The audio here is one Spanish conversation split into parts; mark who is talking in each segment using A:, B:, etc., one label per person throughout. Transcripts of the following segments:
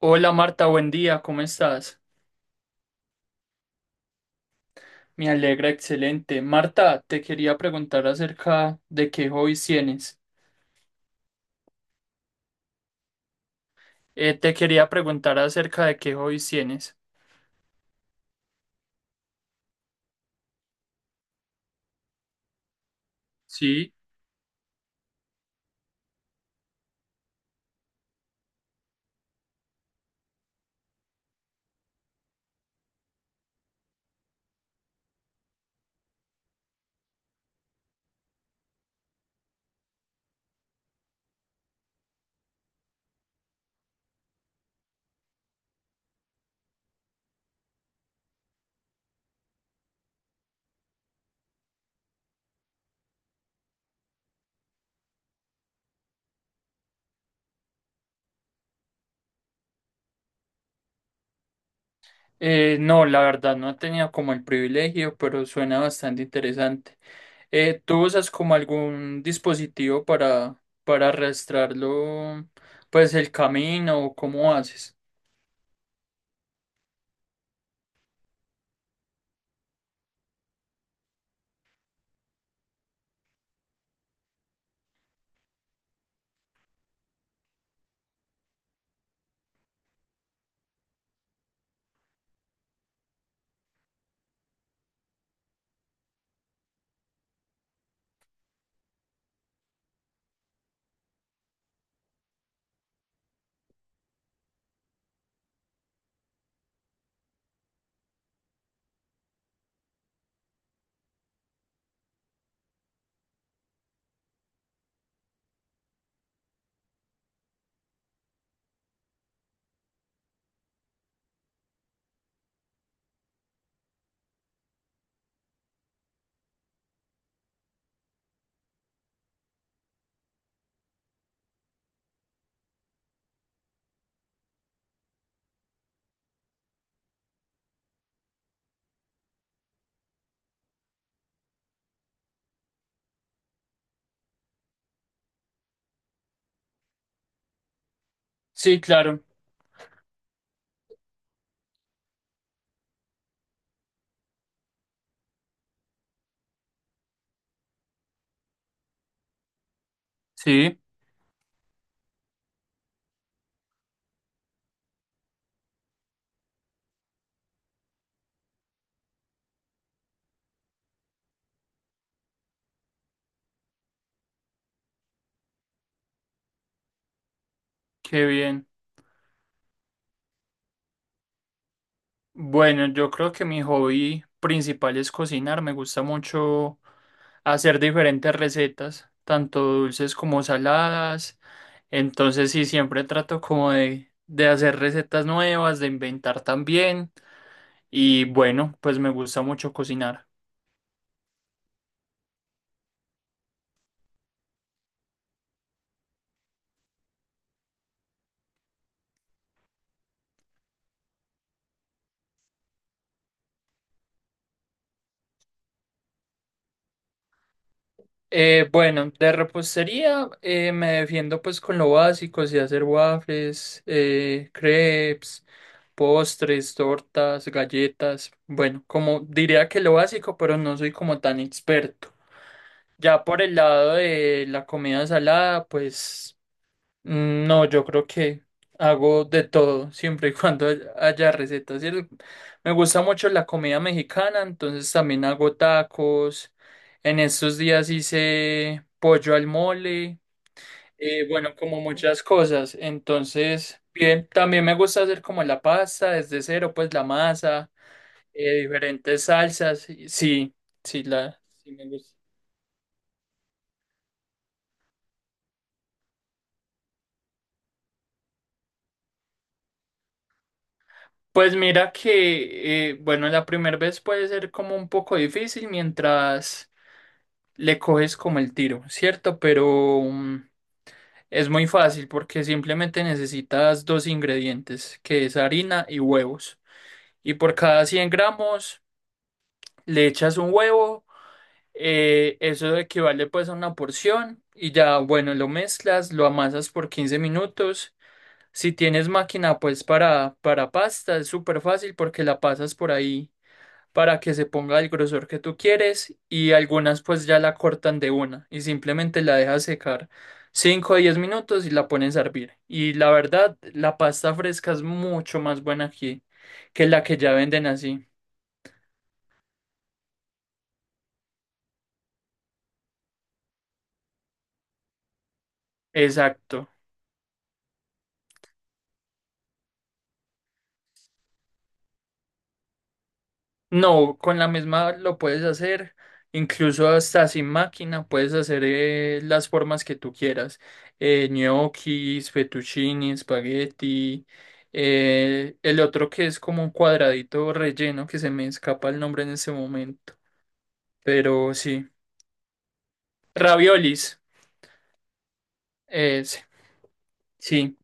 A: Hola Marta, buen día, ¿cómo estás? Me alegra, excelente. Marta, te quería preguntar acerca de qué hobbies tienes. Te quería preguntar acerca de qué hobbies tienes. Sí. No, la verdad no he tenido como el privilegio, pero suena bastante interesante. ¿Tú usas como algún dispositivo para arrastrarlo, pues el camino o cómo haces? Sí, claro. Sí, qué bien. Bueno, yo creo que mi hobby principal es cocinar. Me gusta mucho hacer diferentes recetas, tanto dulces como saladas. Entonces sí, siempre trato como de hacer recetas nuevas, de inventar también. Y bueno, pues me gusta mucho cocinar. Bueno, de repostería me defiendo pues con lo básico, sí, hacer waffles, crepes. Postres, tortas, galletas. Bueno, como diría que lo básico, pero no soy como tan experto. Ya por el lado de la comida salada, pues no, yo creo que hago de todo, siempre y cuando haya recetas. Me gusta mucho la comida mexicana, entonces también hago tacos. En estos días hice pollo al mole. Bueno, como muchas cosas. Entonces, bien, también me gusta hacer como la pasta desde cero, pues la masa, diferentes salsas. Sí, sí, sí me gusta. Pues mira que, bueno, la primera vez puede ser como un poco difícil mientras le coges como el tiro, ¿cierto? Pero es muy fácil porque simplemente necesitas dos ingredientes, que es harina y huevos. Y por cada 100 gramos le echas un huevo. Eso equivale pues a una porción y ya, bueno, lo mezclas, lo amasas por 15 minutos. Si tienes máquina pues para pasta es súper fácil porque la pasas por ahí para que se ponga el grosor que tú quieres y algunas pues ya la cortan de una y simplemente la dejas secar 5 o 10 minutos y la pones a hervir. Y la verdad, la pasta fresca es mucho más buena aquí que la que ya venden así. Exacto. No, con la misma lo puedes hacer, incluso hasta sin máquina puedes hacer las formas que tú quieras, gnocchis, fettuccini, espagueti, el otro que es como un cuadradito relleno que se me escapa el nombre en ese momento, pero sí, raviolis, ese, sí,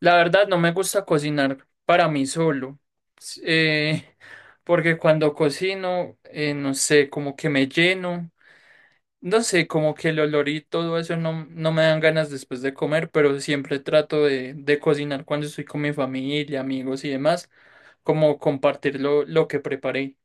A: la verdad no me gusta cocinar para mí solo, s- eh, porque cuando cocino, no sé, como que me lleno. No sé, como que el olor y todo eso no, no me dan ganas después de comer, pero siempre trato de cocinar cuando estoy con mi familia, amigos y demás, como compartir lo que preparé.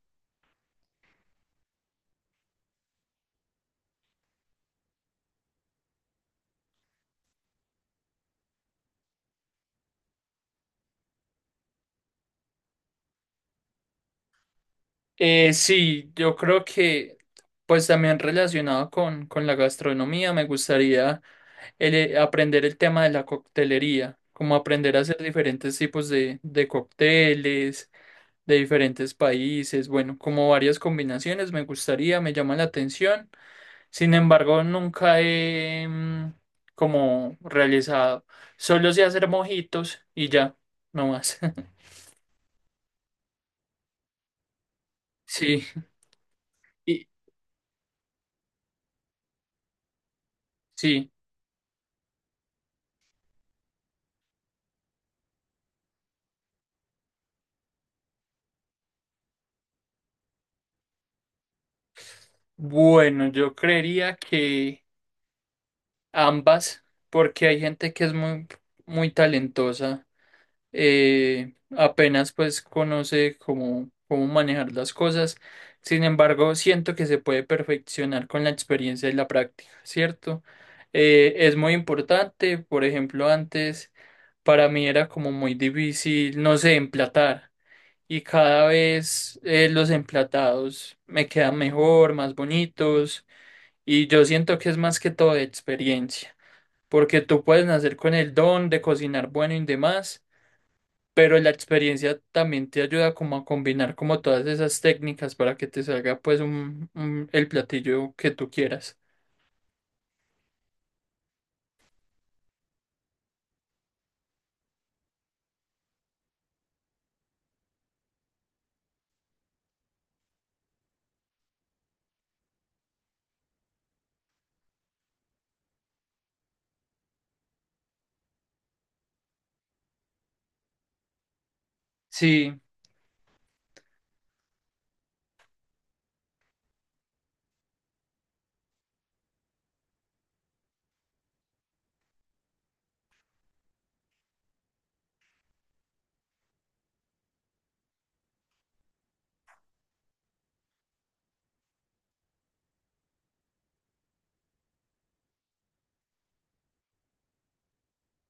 A: Sí, yo creo que pues también relacionado con la gastronomía, me gustaría aprender el tema de la coctelería, como aprender a hacer diferentes tipos de cócteles, de diferentes países, bueno, como varias combinaciones me gustaría, me llama la atención. Sin embargo, nunca como realizado. Solo sé hacer mojitos y ya, no más. Sí, y sí. Bueno, yo creería que ambas, porque hay gente que es muy, muy talentosa. Apenas pues conoce cómo, cómo manejar las cosas. Sin embargo, siento que se puede perfeccionar con la experiencia y la práctica, ¿cierto? Es muy importante, por ejemplo, antes. Para mí era como muy difícil, no sé, emplatar. Y cada vez los emplatados me quedan mejor, más bonitos. Y yo siento que es más que todo de experiencia, porque tú puedes nacer con el don de cocinar bueno y demás, pero la experiencia también te ayuda como a combinar como todas esas técnicas para que te salga pues el platillo que tú quieras. Sí,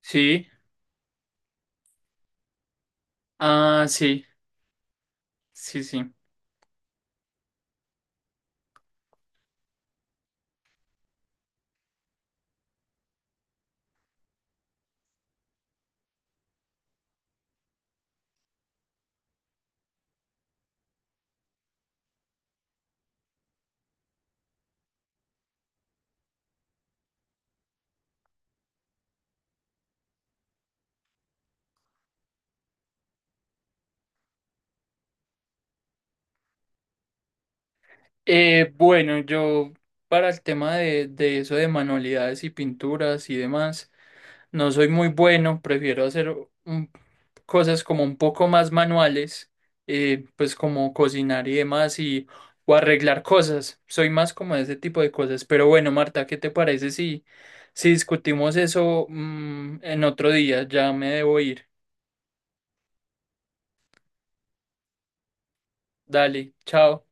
A: sí, ah, sí, sí, sí. Bueno, yo para el tema de eso de manualidades y pinturas y demás, no soy muy bueno, prefiero hacer un- cosas como un poco más manuales, pues como cocinar y demás y o arreglar cosas, soy más como de ese tipo de cosas, pero bueno, Marta, ¿qué te parece si, si discutimos eso, en otro día? Ya me debo ir, dale, chao.